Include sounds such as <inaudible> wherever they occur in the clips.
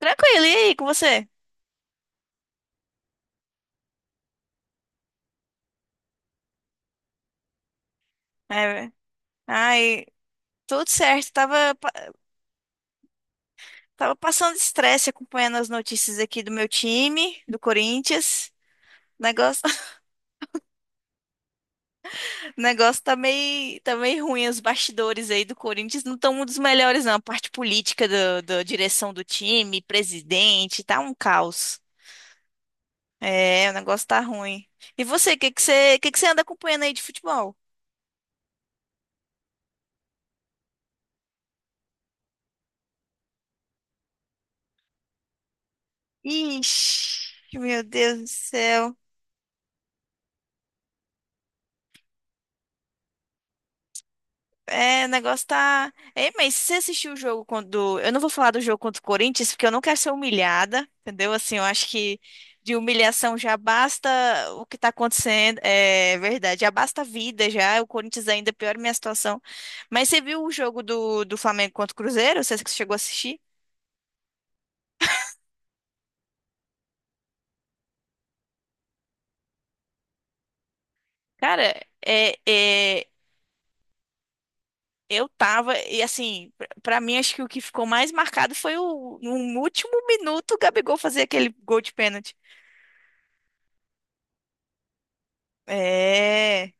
Tranquilo, e aí, com você? É, ai, tudo certo. Tava passando estresse acompanhando as notícias aqui do meu time, do Corinthians. Negócio, <laughs> negócio tá meio ruim. Os bastidores aí do Corinthians não estão um dos melhores, não. A parte política da direção do time, presidente, tá um caos. É, o negócio tá ruim. E você, o que que você anda acompanhando aí de futebol? Ixi, meu Deus do céu. É, o negócio tá. Ei, mas se você assistiu o jogo quando. Eu não vou falar do jogo contra o Corinthians, porque eu não quero ser humilhada, entendeu? Assim, eu acho que de humilhação já basta o que tá acontecendo. É verdade, já basta a vida já. O Corinthians é ainda piora a minha situação. Mas você viu o jogo do Flamengo contra o Cruzeiro? Você que chegou a assistir? Cara, é, é, eu tava. E assim, pra mim, acho que o que ficou mais marcado foi o, no último minuto, o Gabigol fazer aquele gol de pênalti. É.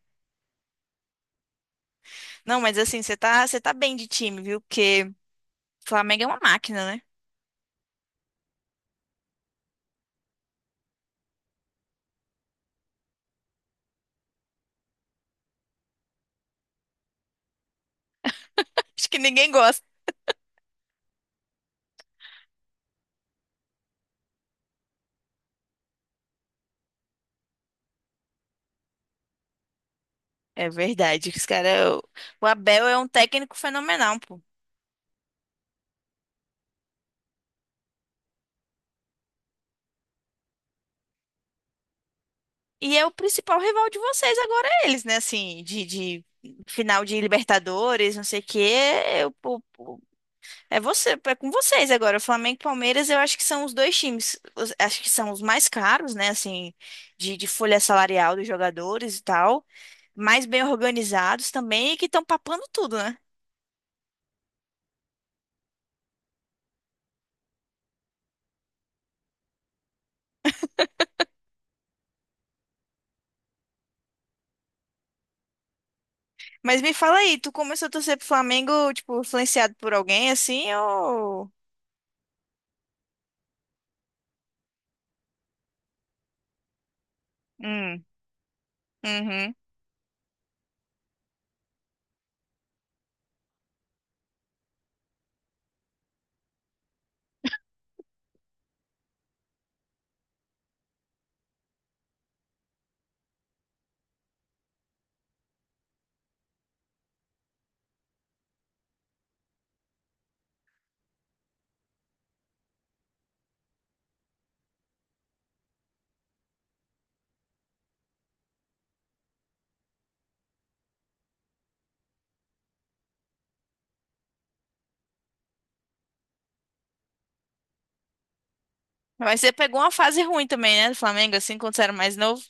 Não, mas assim, você tá bem de time, viu? Porque Flamengo é uma máquina, né? Acho que ninguém gosta. É verdade, que os cara, o Abel é um técnico fenomenal, pô. E é o principal rival de vocês agora, é eles, né? Assim, de final de Libertadores, não sei o quê. É, é você, é com vocês agora. Flamengo e Palmeiras, eu acho que são os dois times, acho que são os mais caros, né? Assim, de folha salarial dos jogadores e tal, mais bem organizados também e que estão papando tudo, né? Mas me fala aí, tu começou a torcer pro Flamengo, tipo, influenciado por alguém assim, ou. Hum, uhum. Mas você pegou uma fase ruim também, né, do Flamengo, assim, quando você era mais novo.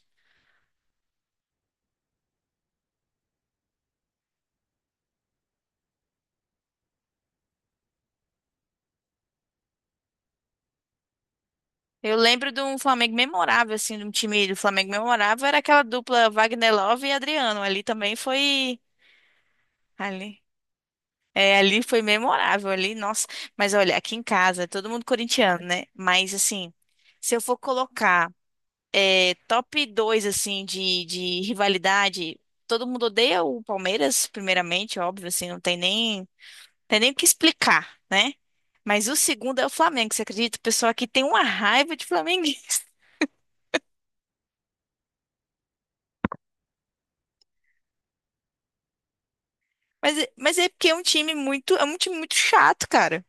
Eu lembro de um Flamengo memorável, assim, de um time do Flamengo memorável, era aquela dupla Wagner Love e Adriano. Ali também foi. Ali. É, ali foi memorável, ali, nossa. Mas olha, aqui em casa, é todo mundo corintiano, né? Mas assim, se eu for colocar. É, top 2 assim, de rivalidade. Todo mundo odeia o Palmeiras, primeiramente, óbvio, assim, não tem nem o que explicar, né? Mas o segundo é o Flamengo, você acredita? O pessoal aqui tem uma raiva de flamenguista. <laughs> Mas, mas é porque é um time muito chato, cara.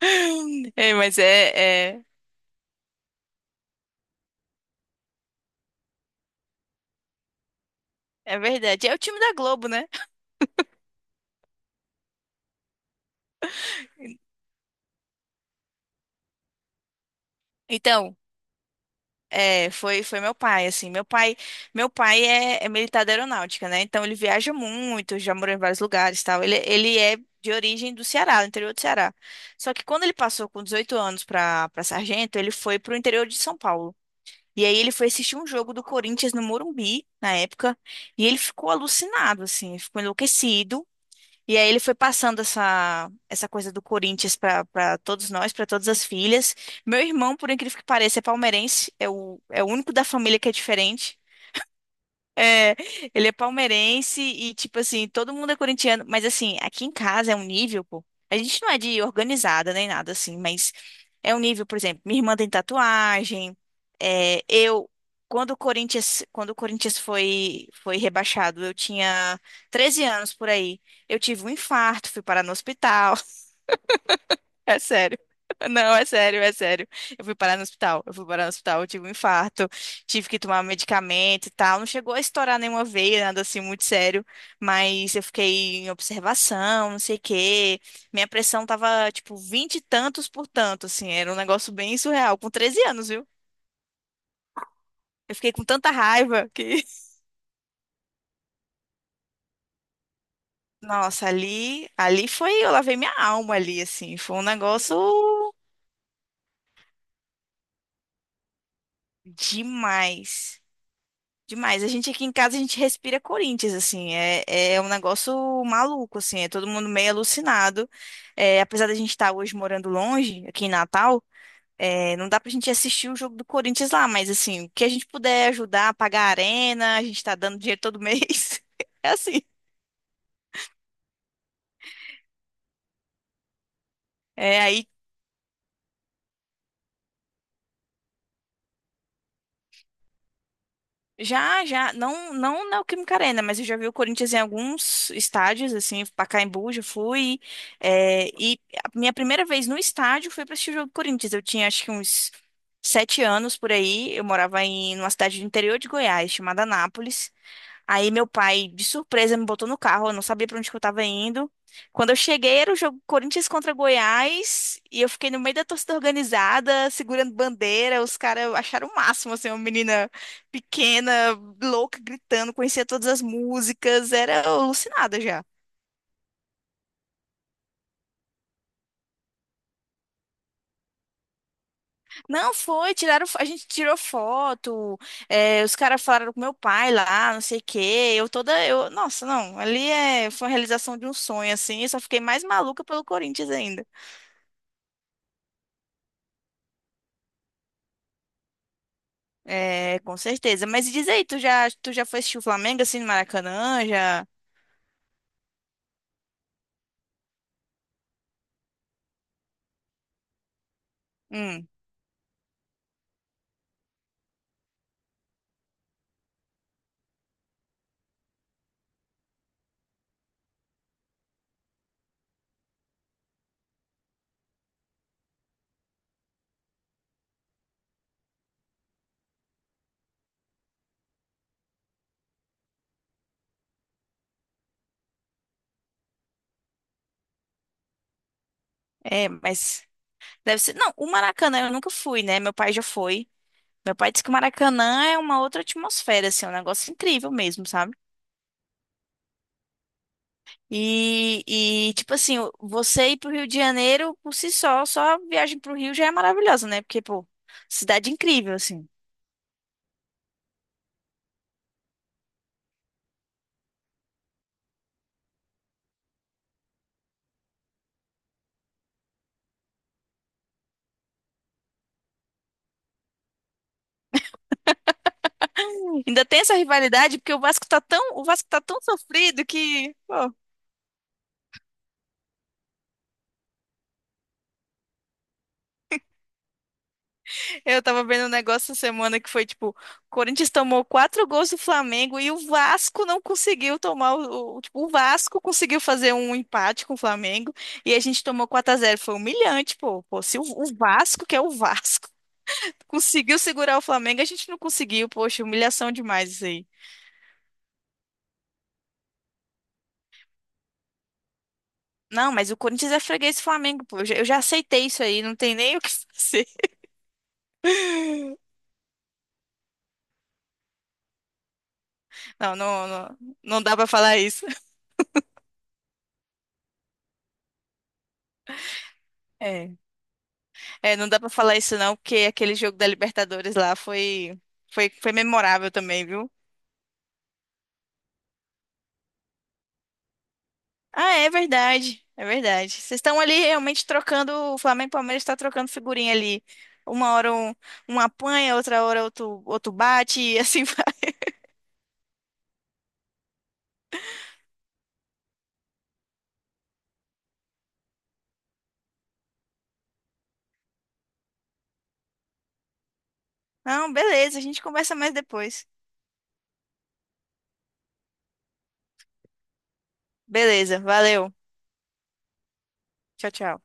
<laughs> É, mas é verdade. É o time da Globo, né? Então, É, foi meu pai, assim, meu pai é militar da aeronáutica, né, então ele viaja muito, já morou em vários lugares, e tal, ele é de origem do Ceará, do interior do Ceará, só que quando ele passou com 18 anos para sargento, ele foi pro interior de São Paulo, e aí ele foi assistir um jogo do Corinthians no Morumbi, na época, e ele ficou alucinado, assim, ficou enlouquecido, e aí ele foi passando essa coisa do Corinthians para todos nós, para todas as filhas. Meu irmão, por incrível que pareça, é palmeirense, é o único da família que é diferente. É, ele é palmeirense e, tipo assim, todo mundo é corintiano, mas assim, aqui em casa é um nível, pô. A gente não é de organizada nem nada assim, mas é um nível, por exemplo, minha irmã tem tatuagem. É, eu, quando o Corinthians foi rebaixado, eu tinha 13 anos por aí. Eu tive um infarto, fui parar no hospital. É sério. <laughs> Não, é sério, é sério. Eu fui parar no hospital. Eu fui parar no hospital, eu tive um infarto, tive que tomar medicamento e tal. Não chegou a estourar nenhuma veia, nada assim muito sério, mas eu fiquei em observação, não sei o quê. Minha pressão tava tipo vinte e tantos por tanto, assim, era um negócio bem surreal, com 13 anos, viu? Eu fiquei com tanta raiva que, <laughs> nossa, ali foi, eu lavei minha alma ali, assim, foi um negócio demais. Demais. A gente aqui em casa, a gente respira Corinthians, assim. É, é um negócio maluco, assim. É todo mundo meio alucinado. É, apesar da gente estar hoje morando longe, aqui em Natal, é, não dá pra gente assistir o jogo do Corinthians lá, mas, assim, o que a gente puder ajudar, pagar a arena, a gente tá dando dinheiro todo mês. <laughs> É assim. É, aí Já, já, não, não na Neoquímica Arena, mas eu já vi o Corinthians em alguns estádios, assim, Pacaembu, já fui, é, e a minha primeira vez no estádio foi para assistir o jogo do Corinthians, eu tinha acho que uns 7 anos por aí, eu morava numa cidade do interior de Goiás, chamada Anápolis, Aí meu pai, de surpresa, me botou no carro, eu não sabia pra onde que eu tava indo. Quando eu cheguei, era o jogo Corinthians contra Goiás, e eu fiquei no meio da torcida organizada, segurando bandeira, os caras acharam o máximo, assim, uma menina pequena, louca, gritando, conhecia todas as músicas, era alucinada já. Não foi, tiraram, a gente tirou foto, é, os caras falaram com meu pai lá, não sei o quê, eu toda, eu, nossa, não, ali é, foi a realização de um sonho, assim, eu só fiquei mais maluca pelo Corinthians ainda. É, com certeza. Mas diz aí, tu já foi assistir o Flamengo assim no Maracanã? Já. Hum, é, mas deve ser. Não, o Maracanã eu nunca fui, né? Meu pai já foi. Meu pai disse que o Maracanã é uma outra atmosfera, assim, é um negócio incrível mesmo, sabe? E tipo assim, você ir pro Rio de Janeiro por si só, só a viagem pro Rio já é maravilhosa, né? Porque, pô, cidade incrível, assim. Ainda tem essa rivalidade, porque o Vasco tá tão sofrido que. Pô, Eu tava vendo um negócio essa semana que foi tipo, o Corinthians tomou quatro gols do Flamengo e o Vasco não conseguiu tomar tipo, o Vasco conseguiu fazer um empate com o Flamengo e a gente tomou 4-0 Foi humilhante, pô. Pô, se o Vasco, que é o Vasco, <laughs> conseguiu segurar o Flamengo, a gente não conseguiu. Poxa, humilhação demais isso aí. Não, mas o Corinthians é freguês do Flamengo, pô. Eu já aceitei isso aí, não tem nem o que <laughs> fazer. Não, não, não, não dá pra falar isso. É. É, não dá pra falar isso não, porque aquele jogo da Libertadores lá foi, memorável também, viu? Ah, é verdade, é verdade. Vocês estão ali realmente trocando, o Flamengo e Palmeiras estão trocando figurinha ali. Uma hora um, apanha, outra hora outro, outro bate e assim <laughs> vai. Não, beleza, a gente conversa mais depois. Beleza, valeu. Tchau, tchau.